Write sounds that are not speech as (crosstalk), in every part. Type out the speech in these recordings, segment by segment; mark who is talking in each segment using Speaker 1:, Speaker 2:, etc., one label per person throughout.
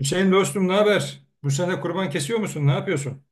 Speaker 1: Hüseyin dostum, ne haber? Bu sene kurban kesiyor musun? Ne yapıyorsun?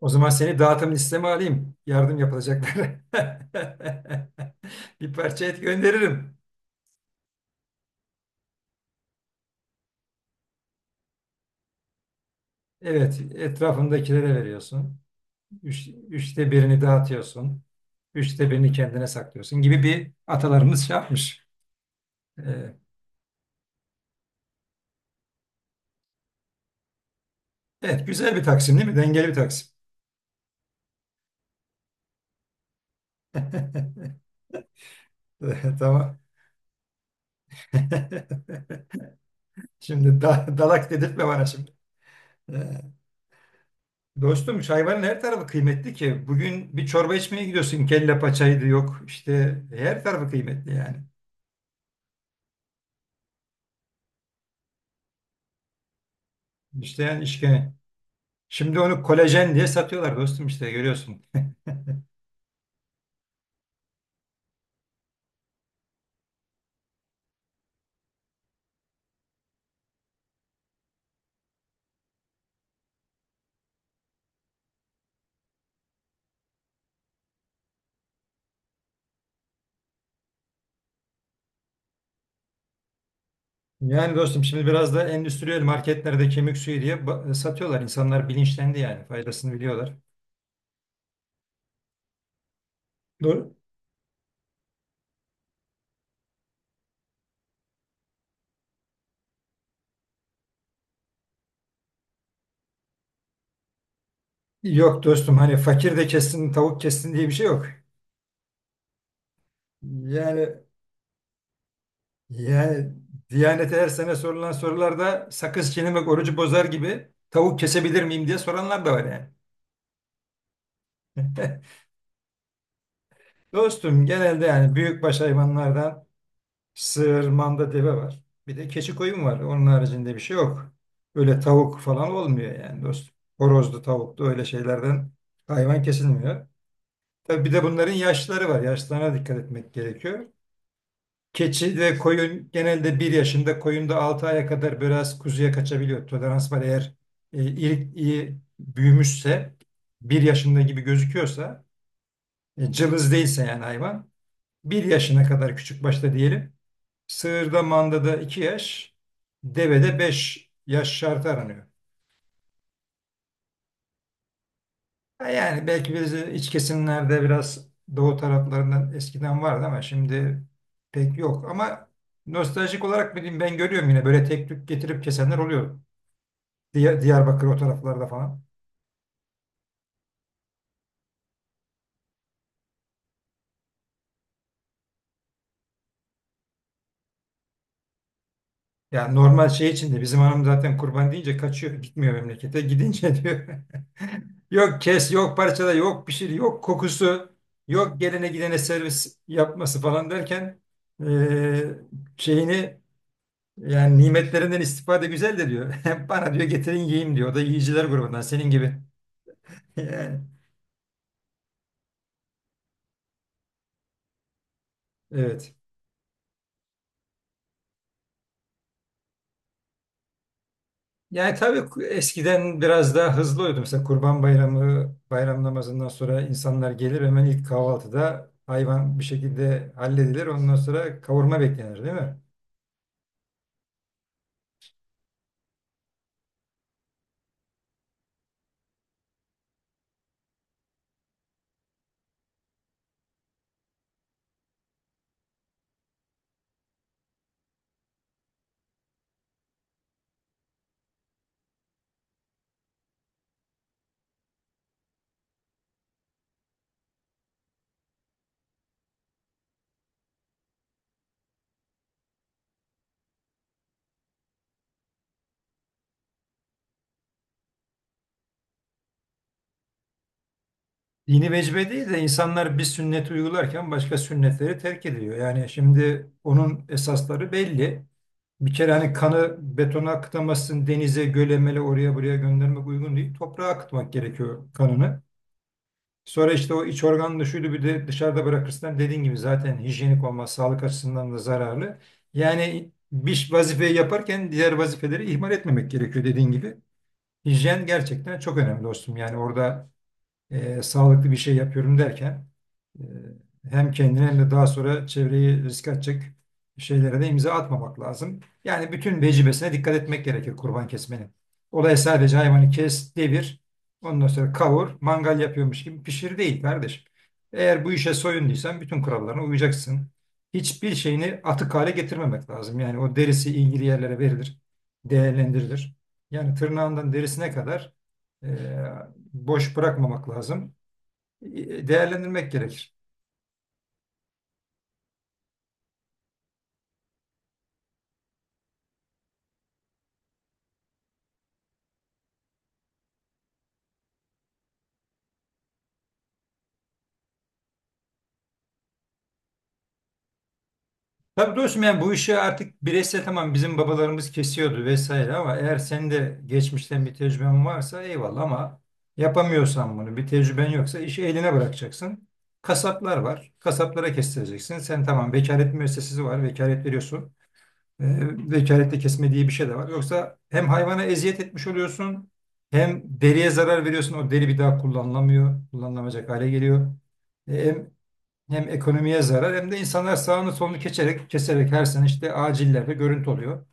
Speaker 1: O zaman seni dağıtım listeme alayım. Yardım yapılacaklara. (laughs) Bir parça et gönderirim. Evet, etrafındakilere veriyorsun. Üçte birini dağıtıyorsun. Üçte birini kendine saklıyorsun gibi bir atalarımız şey yapmış. Ee, evet, güzel bir taksim değil mi? Dengeli bir taksim. (laughs) Tamam. (laughs) Şimdi dalak dedirtme bana şimdi. Ee, Dostum, hayvanın her tarafı kıymetli ki. Bugün bir çorba içmeye gidiyorsun. Kelle paçaydı, yok. İşte her tarafı kıymetli yani. İşte yani işkene. Şimdi onu kolajen diye satıyorlar dostum, işte görüyorsun. Yani dostum, şimdi biraz da endüstriyel marketlerde kemik suyu diye satıyorlar. İnsanlar bilinçlendi, yani faydasını biliyorlar. Do- Yok dostum, hani fakir de kessin, tavuk kessin diye bir şey yok. Yani yani Diyanete her sene sorulan sorularda sakız çiğnemek orucu bozar gibi tavuk kesebilir miyim diye soranlar da var yani. (laughs) Dostum genelde yani büyükbaş hayvanlardan sığır, manda, deve var. Bir de keçi, koyun var. Onun haricinde bir şey yok. Öyle tavuk falan olmuyor yani dostum. Horozlu, tavuklu öyle şeylerden hayvan kesilmiyor. Tabii bir de bunların yaşları var. Yaşlarına dikkat etmek gerekiyor. Keçi ve koyun genelde 1 yaşında, koyun da 6 aya kadar biraz kuzuya kaçabiliyor. Tolerans var eğer ilik iyi büyümüşse, 1 yaşında gibi gözüküyorsa, cılız değilse, yani hayvan 1 yaşına kadar küçük başta diyelim. Sığırda, mandada 2 yaş, devede 5 yaş şartı aranıyor. Ha yani belki biz iç kesimlerde biraz doğu taraflarından eskiden vardı ama şimdi pek yok. Ama nostaljik olarak bileyim, ben görüyorum yine böyle tek tük getirip kesenler oluyor. Diyarbakır o taraflarda falan. Yani normal şey içinde bizim hanım zaten kurban deyince kaçıyor, gitmiyor memlekete, gidince (laughs) diyor. Yok kes, yok parçala, yok pişir, yok kokusu, yok gelene gidene servis yapması falan derken eee, şeyini, yani nimetlerinden istifade güzel de diyor. (laughs) Bana diyor getirin yiyeyim diyor. O da yiyiciler grubundan senin gibi. (laughs) Yani, evet. Yani tabii eskiden biraz daha hızlı oluyordu. Mesela Kurban Bayramı, bayram namazından sonra insanlar gelir, hemen ilk kahvaltıda hayvan bir şekilde halledilir. Ondan sonra kavurma beklenir değil mi? Dini vecibe değil de insanlar bir sünneti uygularken başka sünnetleri terk ediyor. Yani şimdi onun esasları belli. Bir kere hani kanı betona akıtamazsın, denize, göle, mele oraya buraya göndermek uygun değil. Toprağa akıtmak gerekiyor kanını. Sonra işte o iç organını şuydu, bir de dışarıda bırakırsan dediğin gibi zaten hijyenik olmaz, sağlık açısından da zararlı. Yani bir vazifeyi yaparken diğer vazifeleri ihmal etmemek gerekiyor, dediğin gibi. Hijyen gerçekten çok önemli dostum. Yani orada sağlıklı bir şey yapıyorum derken e, hem kendini hem de daha sonra çevreyi riske atacak şeylere de imza atmamak lazım. Yani bütün vecibesine dikkat etmek gerekir kurban kesmenin. Olay sadece hayvanı kes, devir, ondan sonra kavur, mangal yapıyormuş gibi pişir değil kardeşim. Eğer bu işe soyunduysan bütün kurallarına uyacaksın. Hiçbir şeyini atık hale getirmemek lazım. Yani o derisi ilgili yerlere verilir, değerlendirilir. Yani tırnağından derisine kadar e, boş bırakmamak lazım. Değerlendirmek gerekir. Tabii dostum, yani bu işi artık bireysel, tamam bizim babalarımız kesiyordu vesaire ama eğer senin de geçmişten bir tecrüben varsa eyvallah ama yapamıyorsan bunu, bir tecrüben yoksa işi eline bırakacaksın. Kasaplar var. Kasaplara kestireceksin. Sen tamam, vekalet müessesesi var. Vekalet veriyorsun. E, vekalette kesme diye bir şey de var. Yoksa hem hayvana eziyet etmiş oluyorsun, hem deriye zarar veriyorsun. O deri bir daha kullanılamıyor. Kullanılamayacak hale geliyor. E, hem Hem ekonomiye zarar, hem de insanlar sağını solunu keserek, keserek her sene işte acillerde görüntü oluyor.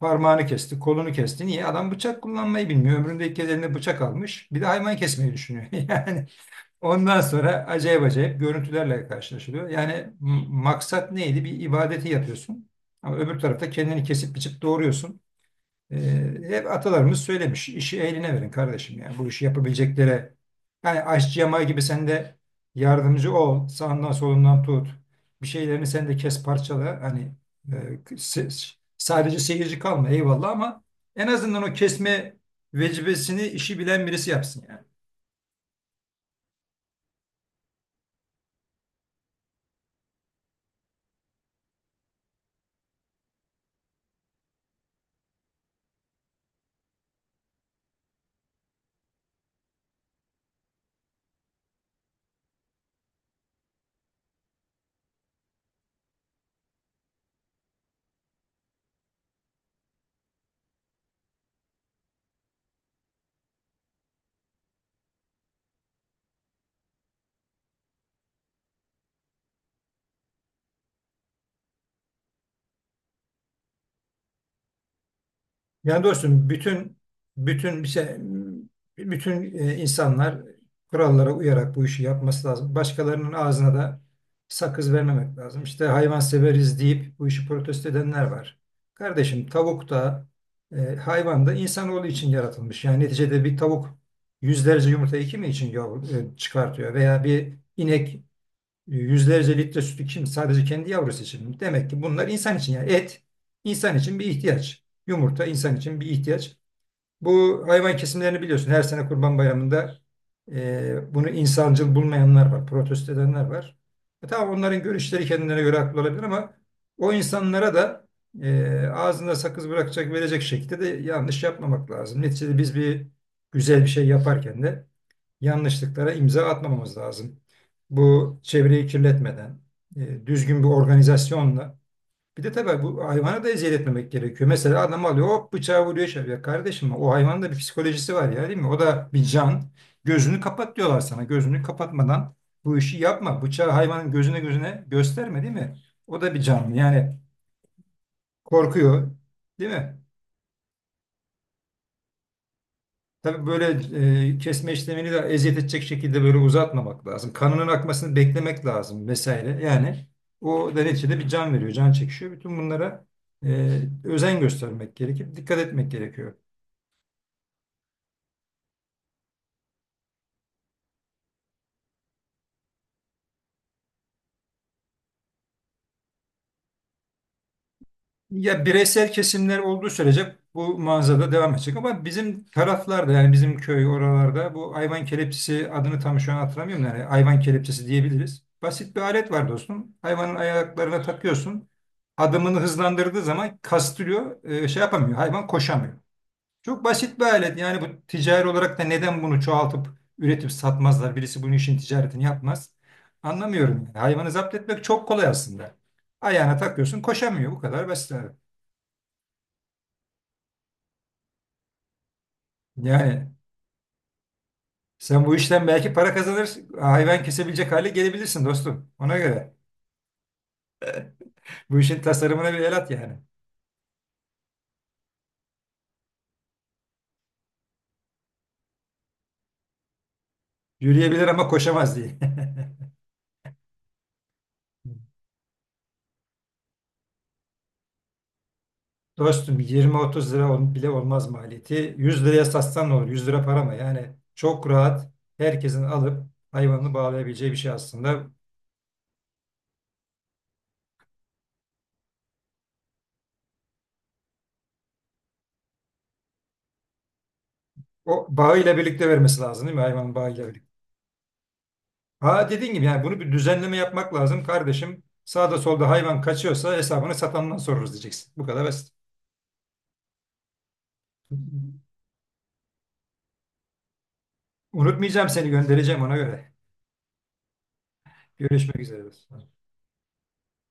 Speaker 1: Parmağını kesti, kolunu kesti. Niye? Adam bıçak kullanmayı bilmiyor. Ömründe ilk kez eline bıçak almış. Bir de hayvan kesmeyi düşünüyor. (laughs) Yani ondan sonra acayip acayip görüntülerle karşılaşılıyor. Yani maksat neydi? Bir ibadeti yapıyorsun. Ama öbür tarafta kendini kesip biçip doğuruyorsun. Hep atalarımız söylemiş. İşi eline verin kardeşim yani. Bu işi yapabileceklere, yani aşçı yamağı gibi sen de yardımcı ol. Sağından solundan tut. Bir şeylerini sen de kes, parçala. Hani e, sadece seyirci kalma eyvallah ama en azından o kesme vecibesini işi bilen birisi yapsın yani. Yani dostum, bütün bütün bir şey bütün e, insanlar kurallara uyarak bu işi yapması lazım. Başkalarının ağzına da sakız vermemek lazım. İşte hayvan severiz deyip bu işi protesto edenler var. Kardeşim tavuk da hayvan da insanoğlu için yaratılmış. Yani neticede bir tavuk yüzlerce yumurta iki mi için yavru, çıkartıyor veya bir inek yüzlerce litre sütü kim sadece kendi yavrusu için, mi? Demek ki bunlar insan için, yani et insan için bir ihtiyaç. Yumurta insan için bir ihtiyaç. Bu hayvan kesimlerini biliyorsun. Her sene Kurban Bayramı'nda bunu insancıl bulmayanlar var, protesto edenler var. Tamam, onların görüşleri kendilerine göre haklı olabilir ama o insanlara da ağzında sakız bırakacak, verecek şekilde de yanlış yapmamak lazım. Neticede biz bir güzel bir şey yaparken de yanlışlıklara imza atmamamız lazım. Bu çevreyi kirletmeden, düzgün bir organizasyonla, bir de tabii bu hayvana da eziyet etmemek gerekiyor. Mesela adam alıyor, hop bıçağı vuruyor, şey yapıyor. Kardeşim o hayvanın da bir psikolojisi var ya değil mi? O da bir can. Gözünü kapat diyorlar sana. Gözünü kapatmadan bu işi yapma. Bıçağı hayvanın gözüne gözüne gösterme değil mi? O da bir canlı. Yani korkuyor değil mi? Tabii böyle kesme işlemini de eziyet edecek şekilde böyle uzatmamak lazım. Kanının akmasını beklemek lazım vesaire. Yani o da neticede bir can veriyor, can çekişiyor. Bütün bunlara e, özen göstermek gerekir, dikkat etmek gerekiyor. Ya bireysel kesimler olduğu sürece bu manzara devam edecek ama bizim taraflarda, yani bizim köy oralarda bu hayvan kelepçesi, adını tam şu an hatırlamıyorum, yani hayvan kelepçesi diyebiliriz. Basit bir alet var dostum. Hayvanın ayaklarına takıyorsun. Adımını hızlandırdığı zaman kastırıyor, şey yapamıyor. Hayvan koşamıyor. Çok basit bir alet. Yani bu, ticari olarak da neden bunu çoğaltıp üretip satmazlar? Birisi bunun, işin ticaretini yapmaz. Anlamıyorum yani. Hayvanı zapt etmek çok kolay aslında. Ayağına takıyorsun, koşamıyor. Bu kadar basit abi. Yani sen bu işten belki para kazanır, hayvan kesebilecek hale gelebilirsin dostum. Ona göre. (laughs) Bu işin tasarımına bir el at yani. Yürüyebilir ama koşamaz diye. (laughs) Dostum 20-30 lira bile olmaz maliyeti. 100 liraya satsan ne olur? 100 lira para mı? Yani çok rahat herkesin alıp hayvanını bağlayabileceği bir şey aslında. O bağıyla birlikte vermesi lazım değil mi? Hayvanın bağıyla birlikte. Ha, dediğin gibi yani bunu bir düzenleme yapmak lazım kardeşim. Sağda solda hayvan kaçıyorsa hesabını satandan sorarız diyeceksin. Bu kadar basit. Unutmayacağım, seni göndereceğim ona göre. Görüşmek üzere.